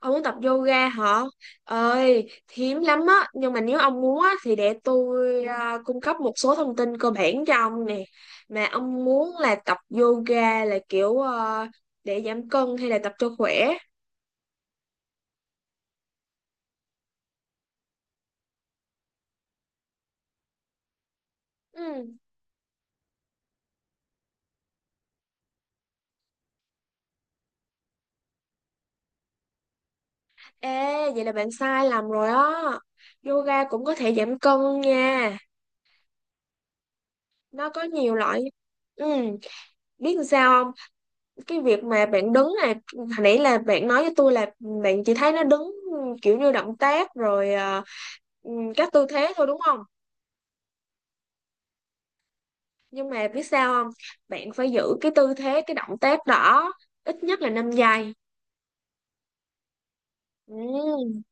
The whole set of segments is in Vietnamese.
Ông muốn tập yoga hả? Ơi, hiếm lắm á. Nhưng mà nếu ông muốn á, thì để tôi cung cấp một số thông tin cơ bản cho ông nè. Mà ông muốn là tập yoga là kiểu để giảm cân hay là tập cho khỏe? Ừ. Ê, vậy là bạn sai lầm rồi á. Yoga cũng có thể giảm cân nha. Nó có nhiều loại. Ừ, biết làm sao không? Cái việc mà bạn đứng là hồi nãy là bạn nói với tôi là bạn chỉ thấy nó đứng kiểu như động tác rồi các tư thế thôi đúng không? Nhưng mà biết sao không? Bạn phải giữ cái tư thế cái động tác đó ít nhất là 5 giây. Ừ.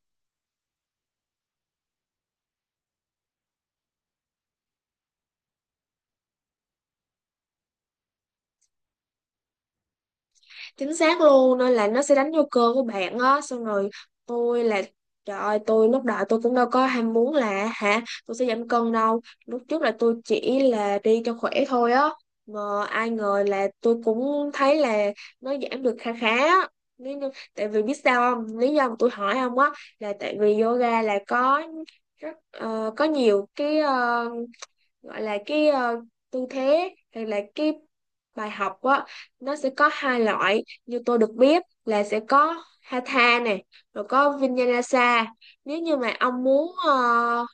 Chính xác luôn, nên là nó sẽ đánh vô cơ của bạn á. Xong rồi tôi là trời ơi, tôi lúc đó tôi cũng đâu có ham muốn là hả tôi sẽ giảm cân đâu, lúc trước là tôi chỉ là đi cho khỏe thôi á, mà ai ngờ là tôi cũng thấy là nó giảm được khá khá á. Lý do- Tại vì biết sao không, lý do mà tôi hỏi ông á là tại vì yoga là có rất có nhiều cái gọi là cái tư thế hay là cái bài học á, nó sẽ có hai loại, như tôi được biết là sẽ có Hatha này, rồi có Vinyasa. Nếu như mà ông muốn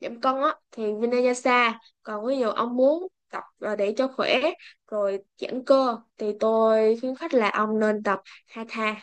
giảm cân á thì Vinyasa, còn ví dụ ông muốn tập để cho khỏe rồi giãn cơ thì tôi khuyến khích là ông nên tập Hatha.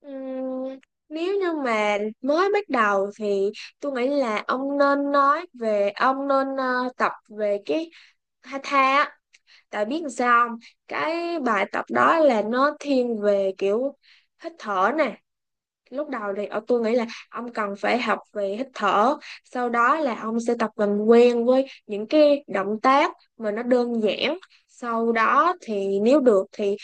Ừm, nếu như mà mới bắt đầu thì tôi nghĩ là ông nên tập về cái Tha Tha á, tại biết sao không? Cái bài tập đó là nó thiên về kiểu hít thở nè. Lúc đầu thì tôi nghĩ là ông cần phải học về hít thở, sau đó là ông sẽ tập làm quen với những cái động tác mà nó đơn giản. Sau đó thì nếu được thì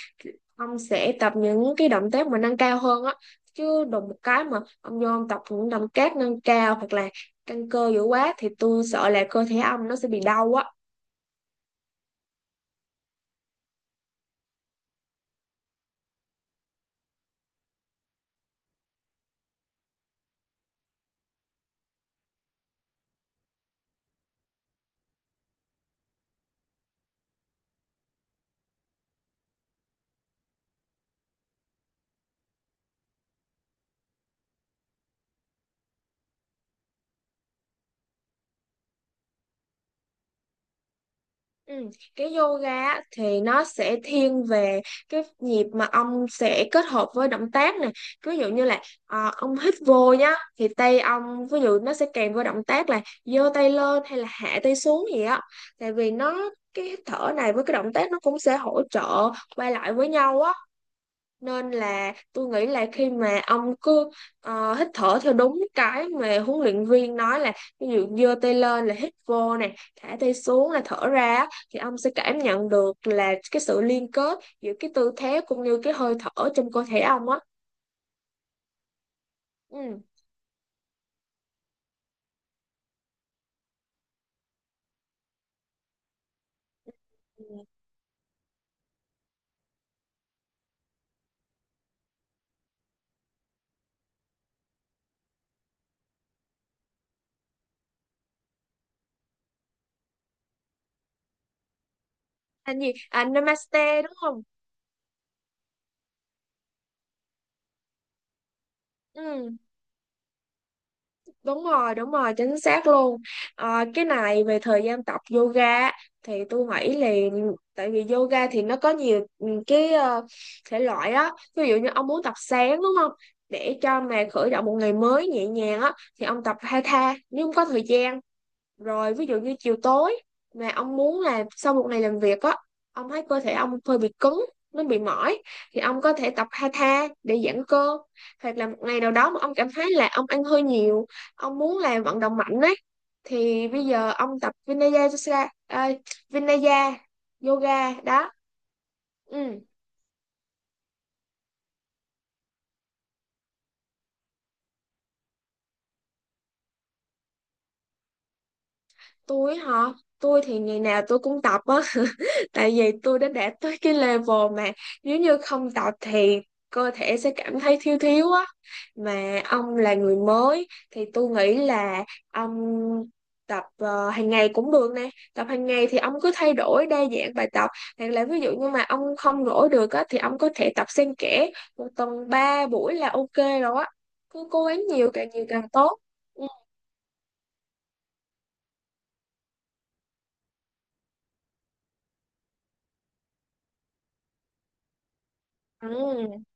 ông sẽ tập những cái động tác mà nâng cao hơn á. Chứ đùng một cái mà ông vô ông tập những động tác nâng cao hoặc là căng cơ dữ quá thì tôi sợ là cơ thể ông nó sẽ bị đau á. Ừ. Cái yoga á, thì nó sẽ thiên về cái nhịp mà ông sẽ kết hợp với động tác này, ví dụ như là ông hít vô nhá, thì tay ông ví dụ nó sẽ kèm với động tác là giơ tay lên hay là hạ tay xuống gì á, tại vì nó cái hít thở này với cái động tác nó cũng sẽ hỗ trợ qua lại với nhau á, nên là tôi nghĩ là khi mà ông cứ hít thở theo đúng cái mà huấn luyện viên nói, là ví dụ giơ tay lên là hít vô nè, thả tay xuống là thở ra á, thì ông sẽ cảm nhận được là cái sự liên kết giữa cái tư thế cũng như cái hơi thở trong cơ thể ông á. Ừ. Ừ. Anh gì à, namaste đúng không? Ừ. Đúng rồi, chính xác luôn. Ờ, cái này về thời gian tập yoga á, thì tôi nghĩ là tại vì yoga thì nó có nhiều cái thể loại á. Ví dụ như ông muốn tập sáng đúng không? Để cho mà khởi động một ngày mới nhẹ nhàng á thì ông tập hatha. Nếu không có thời gian rồi, ví dụ như chiều tối mà ông muốn là sau một ngày làm việc á, ông thấy cơ thể ông hơi bị cứng, nó bị mỏi, thì ông có thể tập hatha để giãn cơ. Hoặc là một ngày nào đó mà ông cảm thấy là ông ăn hơi nhiều, ông muốn là vận động mạnh ấy, thì bây giờ ông tập Vinaya yoga đó. Ừ. Tôi hả? Tôi thì ngày nào tôi cũng tập á. Tại vì tôi đã đạt tới cái level mà nếu như không tập thì cơ thể sẽ cảm thấy thiếu thiếu á. Mà ông là người mới thì tôi nghĩ là ông tập hàng ngày cũng được nè, tập hàng ngày thì ông cứ thay đổi đa dạng bài tập, hoặc là ví dụ như mà ông không rỗi được á thì ông có thể tập xen kẽ, một tuần 3 buổi là ok rồi á, cứ cố gắng nhiều, càng nhiều càng tốt. Ừ.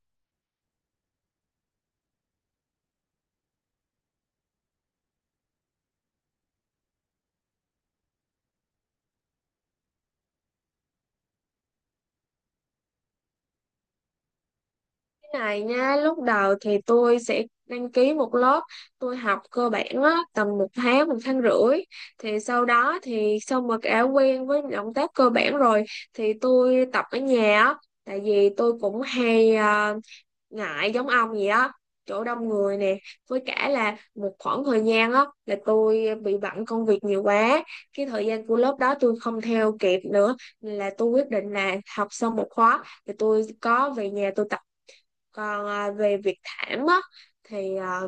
Này nha, lúc đầu thì tôi sẽ đăng ký một lớp, tôi học cơ bản á, tầm một tháng rưỡi, thì sau đó thì sau mà đã quen với động tác cơ bản rồi thì tôi tập ở nhà á. Tại vì tôi cũng hay ngại giống ông vậy á, chỗ đông người nè, với cả là một khoảng thời gian á là tôi bị bận công việc nhiều quá, cái thời gian của lớp đó tôi không theo kịp nữa, nên là tôi quyết định là học xong một khóa thì tôi có về nhà tôi tập. Còn về Việt Thảm á thì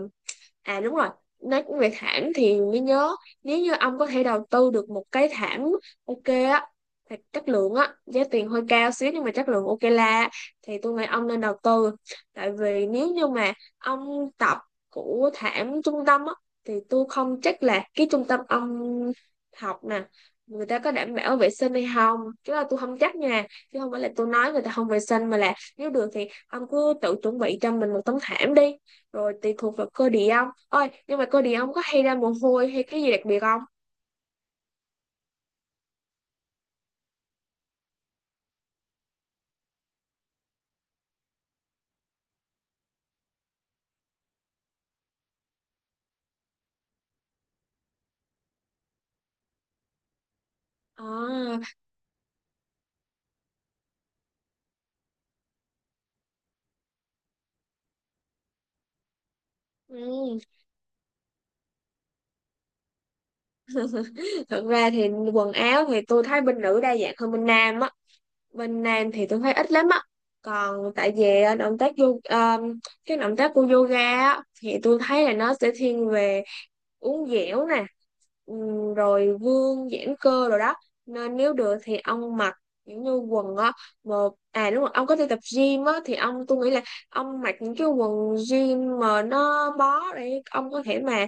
à đúng rồi, nói về thảm thì mới nhớ, nếu như ông có thể đầu tư được một cái thảm ok á, thật chất lượng á, giá tiền hơi cao xíu nhưng mà chất lượng ok la, thì tôi nghĩ ông nên đầu tư. Tại vì nếu như mà ông tập của thảm trung tâm á thì tôi không chắc là cái trung tâm ông học nè người ta có đảm bảo vệ sinh hay không, chứ là tôi không chắc nha, chứ không phải là tôi nói người ta không vệ sinh, mà là nếu được thì ông cứ tự chuẩn bị cho mình một tấm thảm đi, rồi tùy thuộc vào cơ địa ông, ôi nhưng mà cơ địa ông có hay ra mồ hôi hay cái gì đặc biệt không? À. Ừm. Thật ra thì quần áo thì tôi thấy bên nữ đa dạng hơn bên nam á, bên nam thì tôi thấy ít lắm á. Còn tại vì động tác cái động tác của yoga á, thì tôi thấy là nó sẽ thiên về uống dẻo nè, rồi vương giãn cơ rồi đó, nên nếu được thì ông mặc những như quần á một à đúng rồi, ông có đi tập gym á thì ông, tôi nghĩ là ông mặc những cái quần gym mà nó bó, để ông có thể mà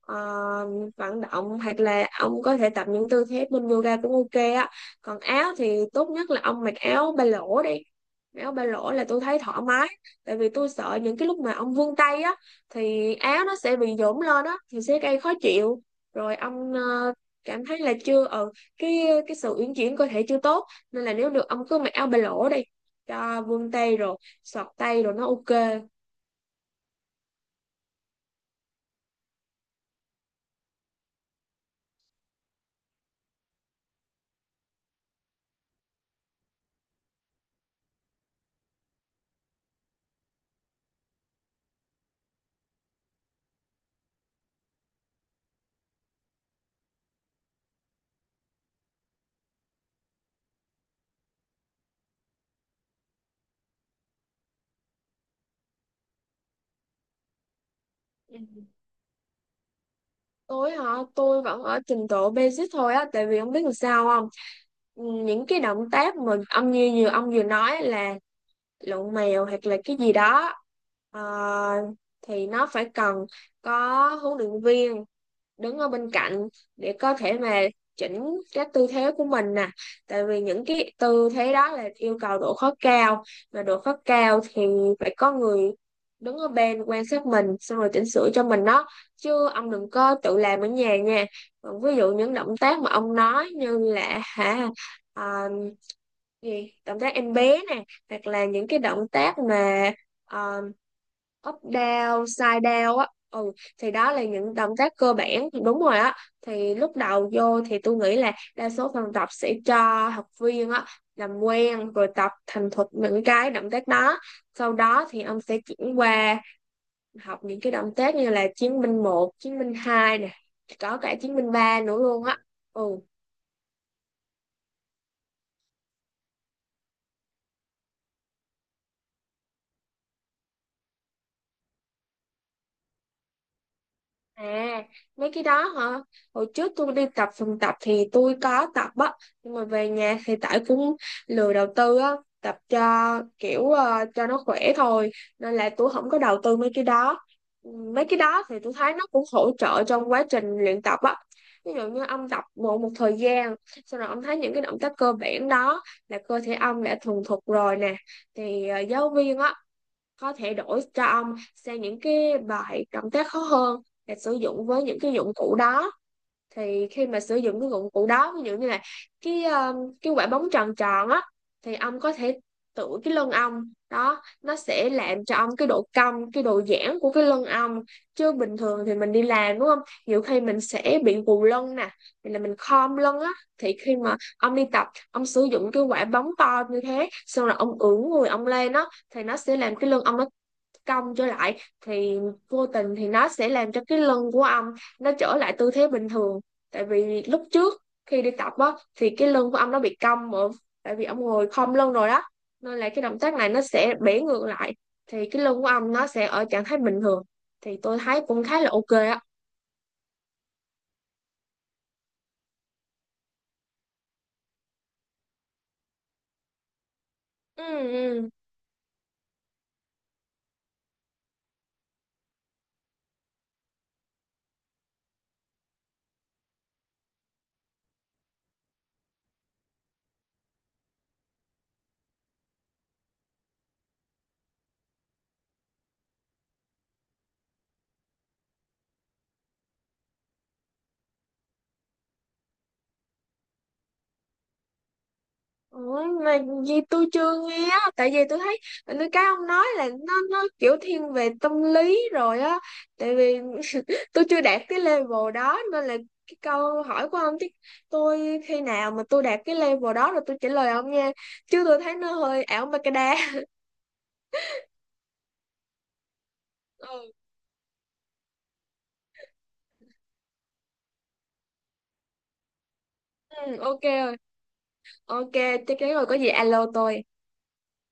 ờ, vận động hoặc là ông có thể tập những tư thế bên yoga cũng ok á. Còn áo thì tốt nhất là ông mặc áo ba lỗ đi, áo ba lỗ là tôi thấy thoải mái, tại vì tôi sợ những cái lúc mà ông vươn tay á thì áo nó sẽ bị nhũn lên á, thì sẽ gây khó chịu, rồi ông cảm thấy là chưa ờ cái cái sự uyển chuyển cơ thể chưa tốt, nên là nếu được ông cứ mặc áo ba lỗ đi, cho vuông tay rồi xọt tay rồi nó ok. Ừ. Tôi hả? Tôi vẫn ở trình độ basic thôi á, tại vì không biết làm sao không. Ừ, những cái động tác mà ông vừa nói là lộn mèo hoặc là cái gì đó, ờ, thì nó phải cần có huấn luyện viên đứng ở bên cạnh để có thể mà chỉnh các tư thế của mình nè, tại vì những cái tư thế đó là yêu cầu độ khó cao, mà độ khó cao thì phải có người đứng ở bên quan sát mình xong rồi chỉnh sửa cho mình đó, chứ ông đừng có tự làm ở nhà nha. Còn ví dụ những động tác mà ông nói như là hả, à, gì, động tác em bé nè, hoặc là những cái động tác mà à, up down side down á, ừ, thì đó là những động tác cơ bản đúng rồi á. Thì lúc đầu vô thì tôi nghĩ là đa số phòng tập sẽ cho học viên á làm quen rồi tập thành thục những cái động tác đó, sau đó thì ông sẽ chuyển qua học những cái động tác như là chiến binh một, chiến binh hai nè, có cả chiến binh ba nữa luôn á. Ừ. À, mấy cái đó hả? Hồi trước tôi đi tập phòng tập thì tôi có tập á, nhưng mà về nhà thì tại cũng lười đầu tư á, tập cho kiểu cho nó khỏe thôi, nên là tôi không có đầu tư mấy cái đó. Ừ, mấy cái đó thì tôi thấy nó cũng hỗ trợ trong quá trình luyện tập á. Ví dụ như ông tập một một thời gian, sau rồi ông thấy những cái động tác cơ bản đó là cơ thể ông đã thuần thục rồi nè, thì giáo viên á có thể đổi cho ông sang những cái bài động tác khó hơn, để sử dụng với những cái dụng cụ đó. Thì khi mà sử dụng cái dụng cụ đó, ví dụ như là cái ờ, cái quả bóng tròn tròn á, thì ông có thể tự cái lưng ông đó, nó sẽ làm cho ông cái độ cong cái độ giãn của cái lưng ông. Chứ bình thường thì mình đi làm đúng không, nhiều khi mình sẽ bị gù lưng nè, thì là mình khom lưng á, thì khi mà ông đi tập ông sử dụng cái quả bóng to như thế xong rồi ông ưỡn người ông lên á thì nó sẽ làm cái lưng ông nó cong trở lại, thì vô tình thì nó sẽ làm cho cái lưng của ông nó trở lại tư thế bình thường. Tại vì lúc trước khi đi tập á thì cái lưng của ông nó bị cong mà, tại vì ông ngồi khom lưng rồi đó, nên là cái động tác này nó sẽ bẻ ngược lại thì cái lưng của ông nó sẽ ở trạng thái bình thường. Thì tôi thấy cũng khá là ok á. Ừ, ừ. Ủa, mà gì tôi chưa nghe á, tại vì tôi thấy cái ông nói là nó kiểu thiên về tâm lý rồi á, tại vì tôi chưa đạt cái level đó nên là cái câu hỏi của ông, chứ tôi khi nào mà tôi đạt cái level đó rồi tôi trả lời ông nha, chứ tôi thấy nó hơi ảo ma cái đá. Ừ, ừ, ok rồi, ok, chắc chắn rồi, có gì alo tôi.